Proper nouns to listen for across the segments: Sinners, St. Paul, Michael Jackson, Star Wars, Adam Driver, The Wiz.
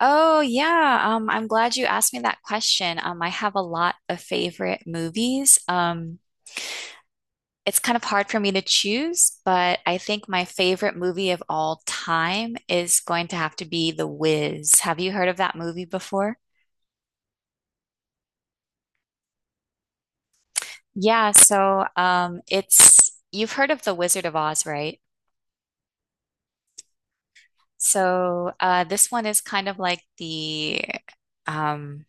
Oh yeah, I'm glad you asked me that question. I have a lot of favorite movies. It's kind of hard for me to choose, but I think my favorite movie of all time is going to have to be The Wiz. Have you heard of that movie before? Yeah, so it's you've heard of The Wizard of Oz, right? So this one is kind of like the um,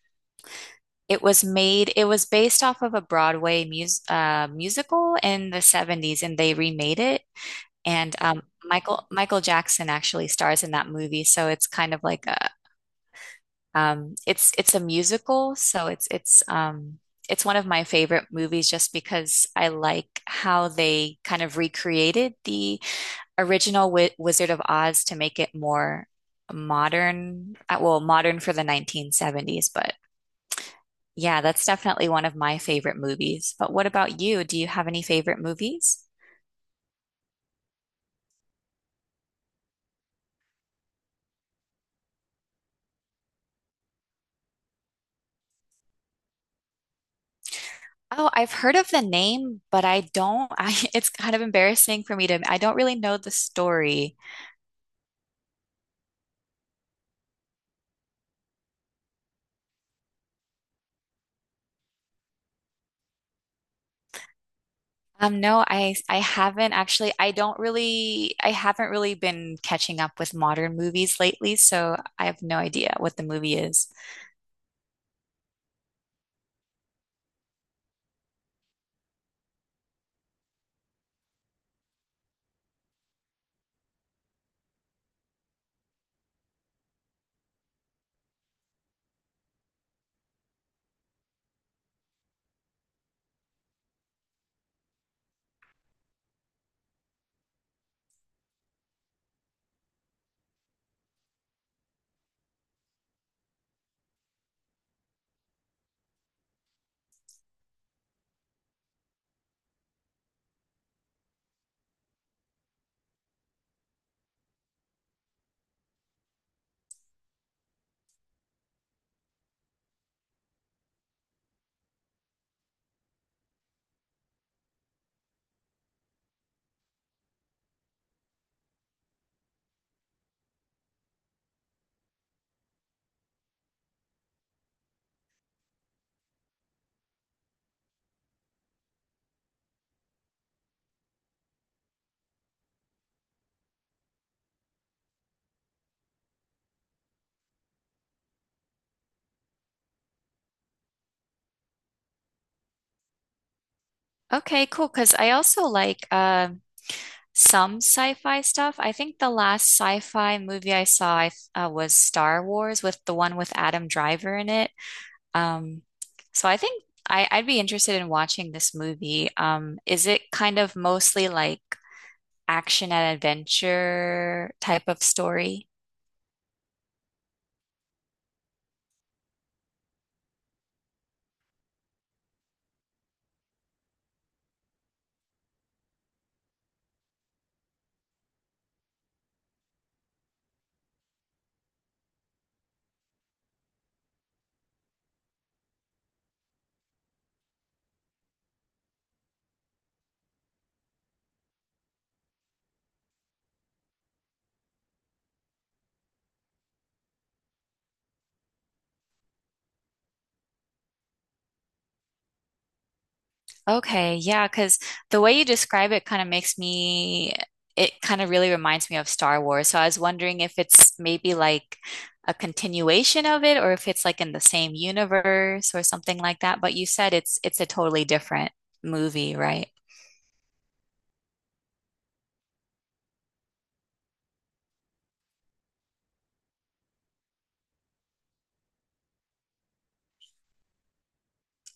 It was made, it was based off of a Broadway musical in the 70s and they remade it. And Michael Jackson actually stars in that movie. So it's kind of like a it's a musical. So it's one of my favorite movies just because I like how they kind of recreated the original Wi Wizard of Oz to make it more modern, well, modern for the 1970s, but yeah, that's definitely one of my favorite movies. But what about you? Do you have any favorite movies? Oh, I've heard of the name, but I don't. I it's kind of embarrassing for me to I don't really know the story. No, I haven't actually. I haven't really been catching up with modern movies lately, so I have no idea what the movie is. Okay, cool. Because I also like some sci-fi stuff. I think the last sci-fi movie I saw was Star Wars with the one with Adam Driver in it. Um, so I think I'd be interested in watching this movie. Is it kind of mostly like action and adventure type of story? Okay, yeah, because the way you describe it kind of makes me, it kind of really reminds me of Star Wars. So I was wondering if it's maybe like a continuation of it or if it's like in the same universe or something like that. But you said it's a totally different movie, right?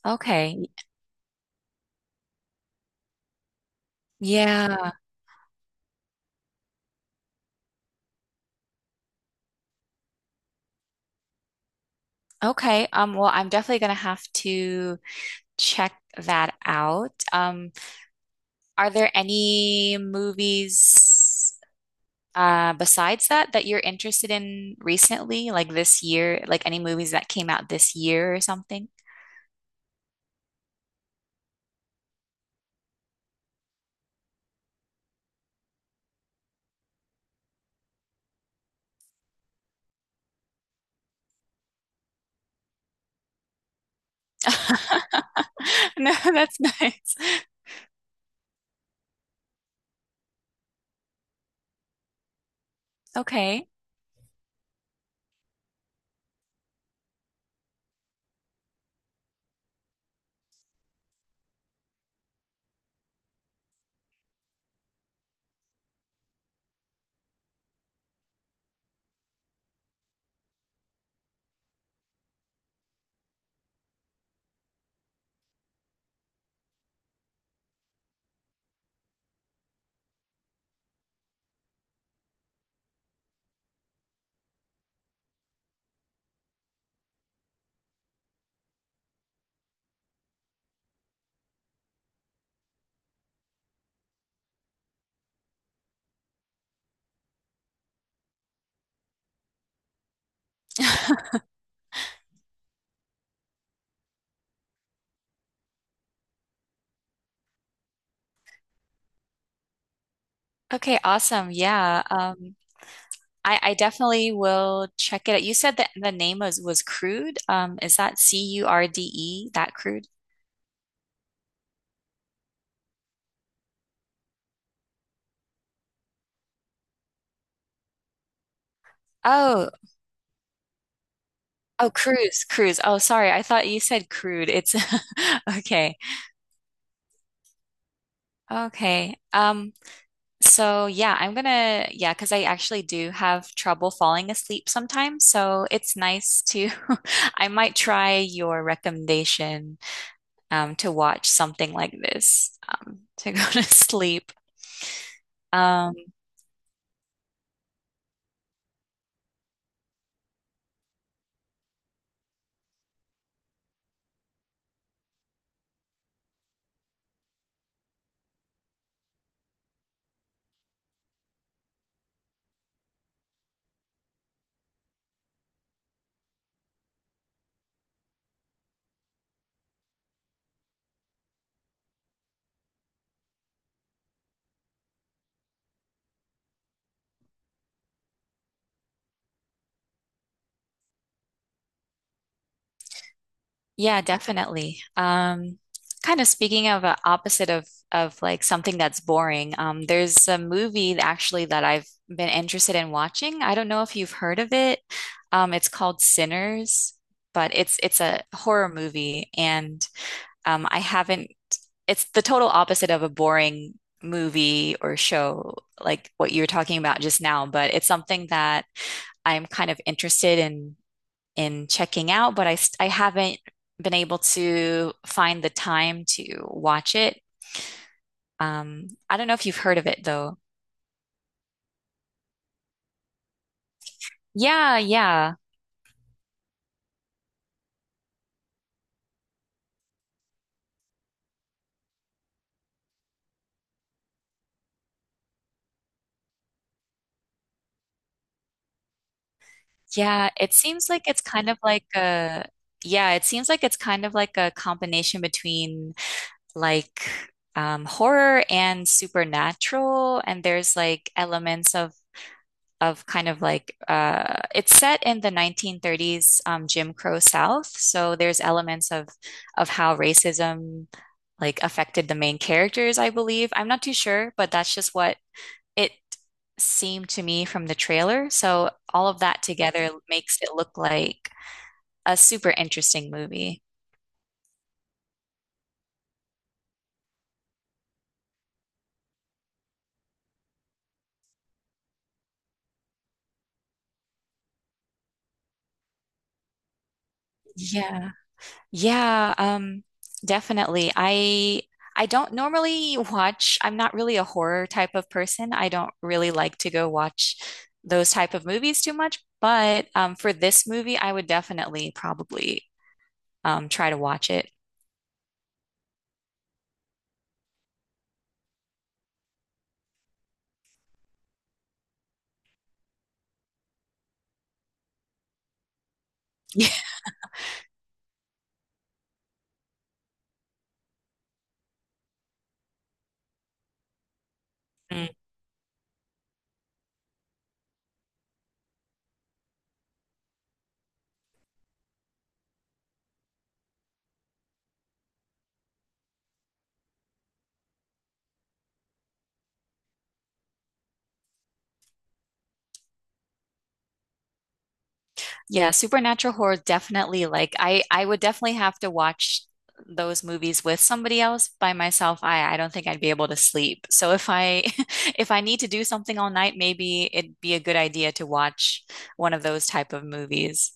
Okay. Yeah. Okay. Well, I'm definitely gonna have to check that out. Are there any movies? Besides that, that you're interested in recently, like this year, like any movies that came out this year or something? No, that's nice. Okay. Okay, awesome. Yeah. I definitely will check it out. You said that the name was Crude. Is that CURDE, that Crude? Oh, oh, Cruise, Cruise. Oh, sorry. I thought you said Crude. It's okay. Okay. So yeah, because I actually do have trouble falling asleep sometimes. So it's nice to I might try your recommendation to watch something like this to go to sleep. Um, Yeah, definitely. Kind of speaking of a opposite of something that's boring, there's a movie actually that I've been interested in watching. I don't know if you've heard of it. It's called Sinners, but it's a horror movie, and I haven't. It's the total opposite of a boring movie or show like what you were talking about just now, but it's something that I'm kind of interested in checking out, but I haven't been able to find the time to watch it. I don't know if you've heard of it though. Yeah, yeah. Yeah, it seems like it's kind of like a yeah, it seems like it's kind of like a combination between like horror and supernatural and there's like elements of it's set in the 1930s Jim Crow South, so there's elements of how racism like affected the main characters, I believe. I'm not too sure, but that's just what it seemed to me from the trailer. So all of that together makes it look like a super interesting movie. Yeah. Yeah, definitely. I don't normally watch, I'm not really a horror type of person. I don't really like to go watch those type of movies too much, but for this movie, I would definitely probably try to watch it. Yeah, supernatural horror definitely like I would definitely have to watch those movies with somebody else by myself. I don't think I'd be able to sleep. So if I if I need to do something all night, maybe it'd be a good idea to watch one of those type of movies.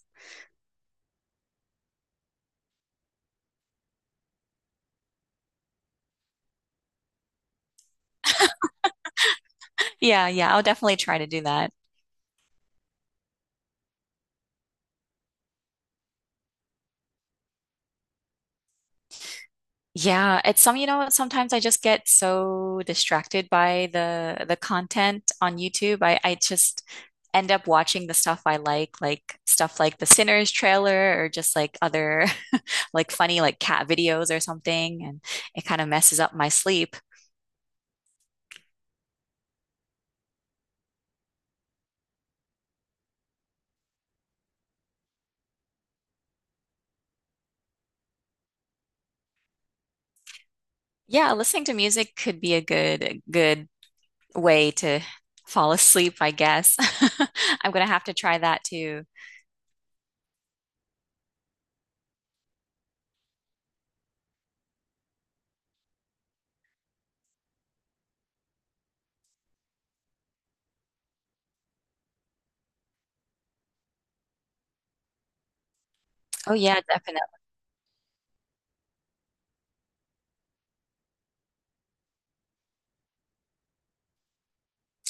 Yeah, yeah, I'll definitely try to do that. Yeah, it's some, you know, what, sometimes I just get so distracted by the content on YouTube. I just end up watching the stuff I like stuff like the Sinners trailer or just like other like funny like cat videos or something, and it kind of messes up my sleep. Yeah, listening to music could be a good good way to fall asleep, I guess. I'm gonna have to try that too. Oh yeah, definitely.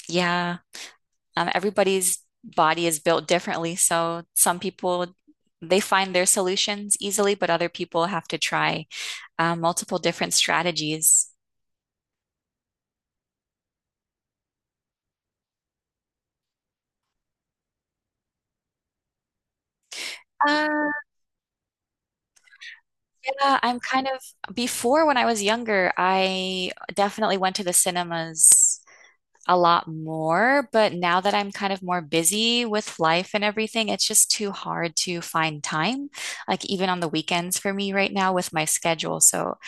Yeah. Everybody's body is built differently. So some people, they find their solutions easily, but other people have to try multiple different strategies. Uh, yeah, before when I was younger, I definitely went to the cinemas a lot more, but now that I'm kind of more busy with life and everything, it's just too hard to find time, like even on the weekends for me right now with my schedule. So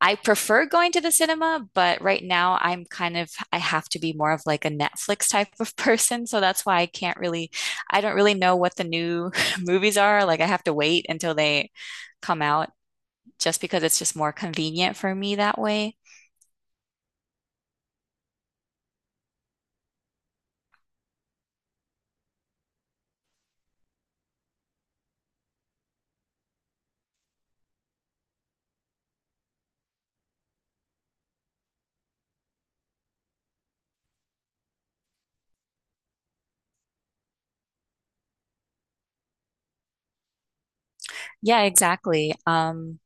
I prefer going to the cinema, but right now I have to be more of like a Netflix type of person. So that's why I don't really know what the new movies are. Like I have to wait until they come out just because it's just more convenient for me that way. Yeah, exactly.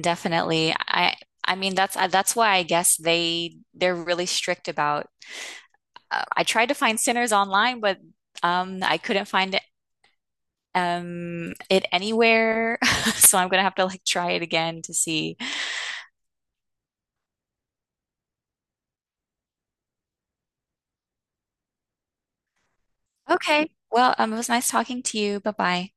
Definitely. I mean, that's why I guess they're really strict about, I tried to find Sinners online, but I couldn't find it anywhere. So I'm gonna have to like try it again to see. Okay. Well, it was nice talking to you. Bye bye.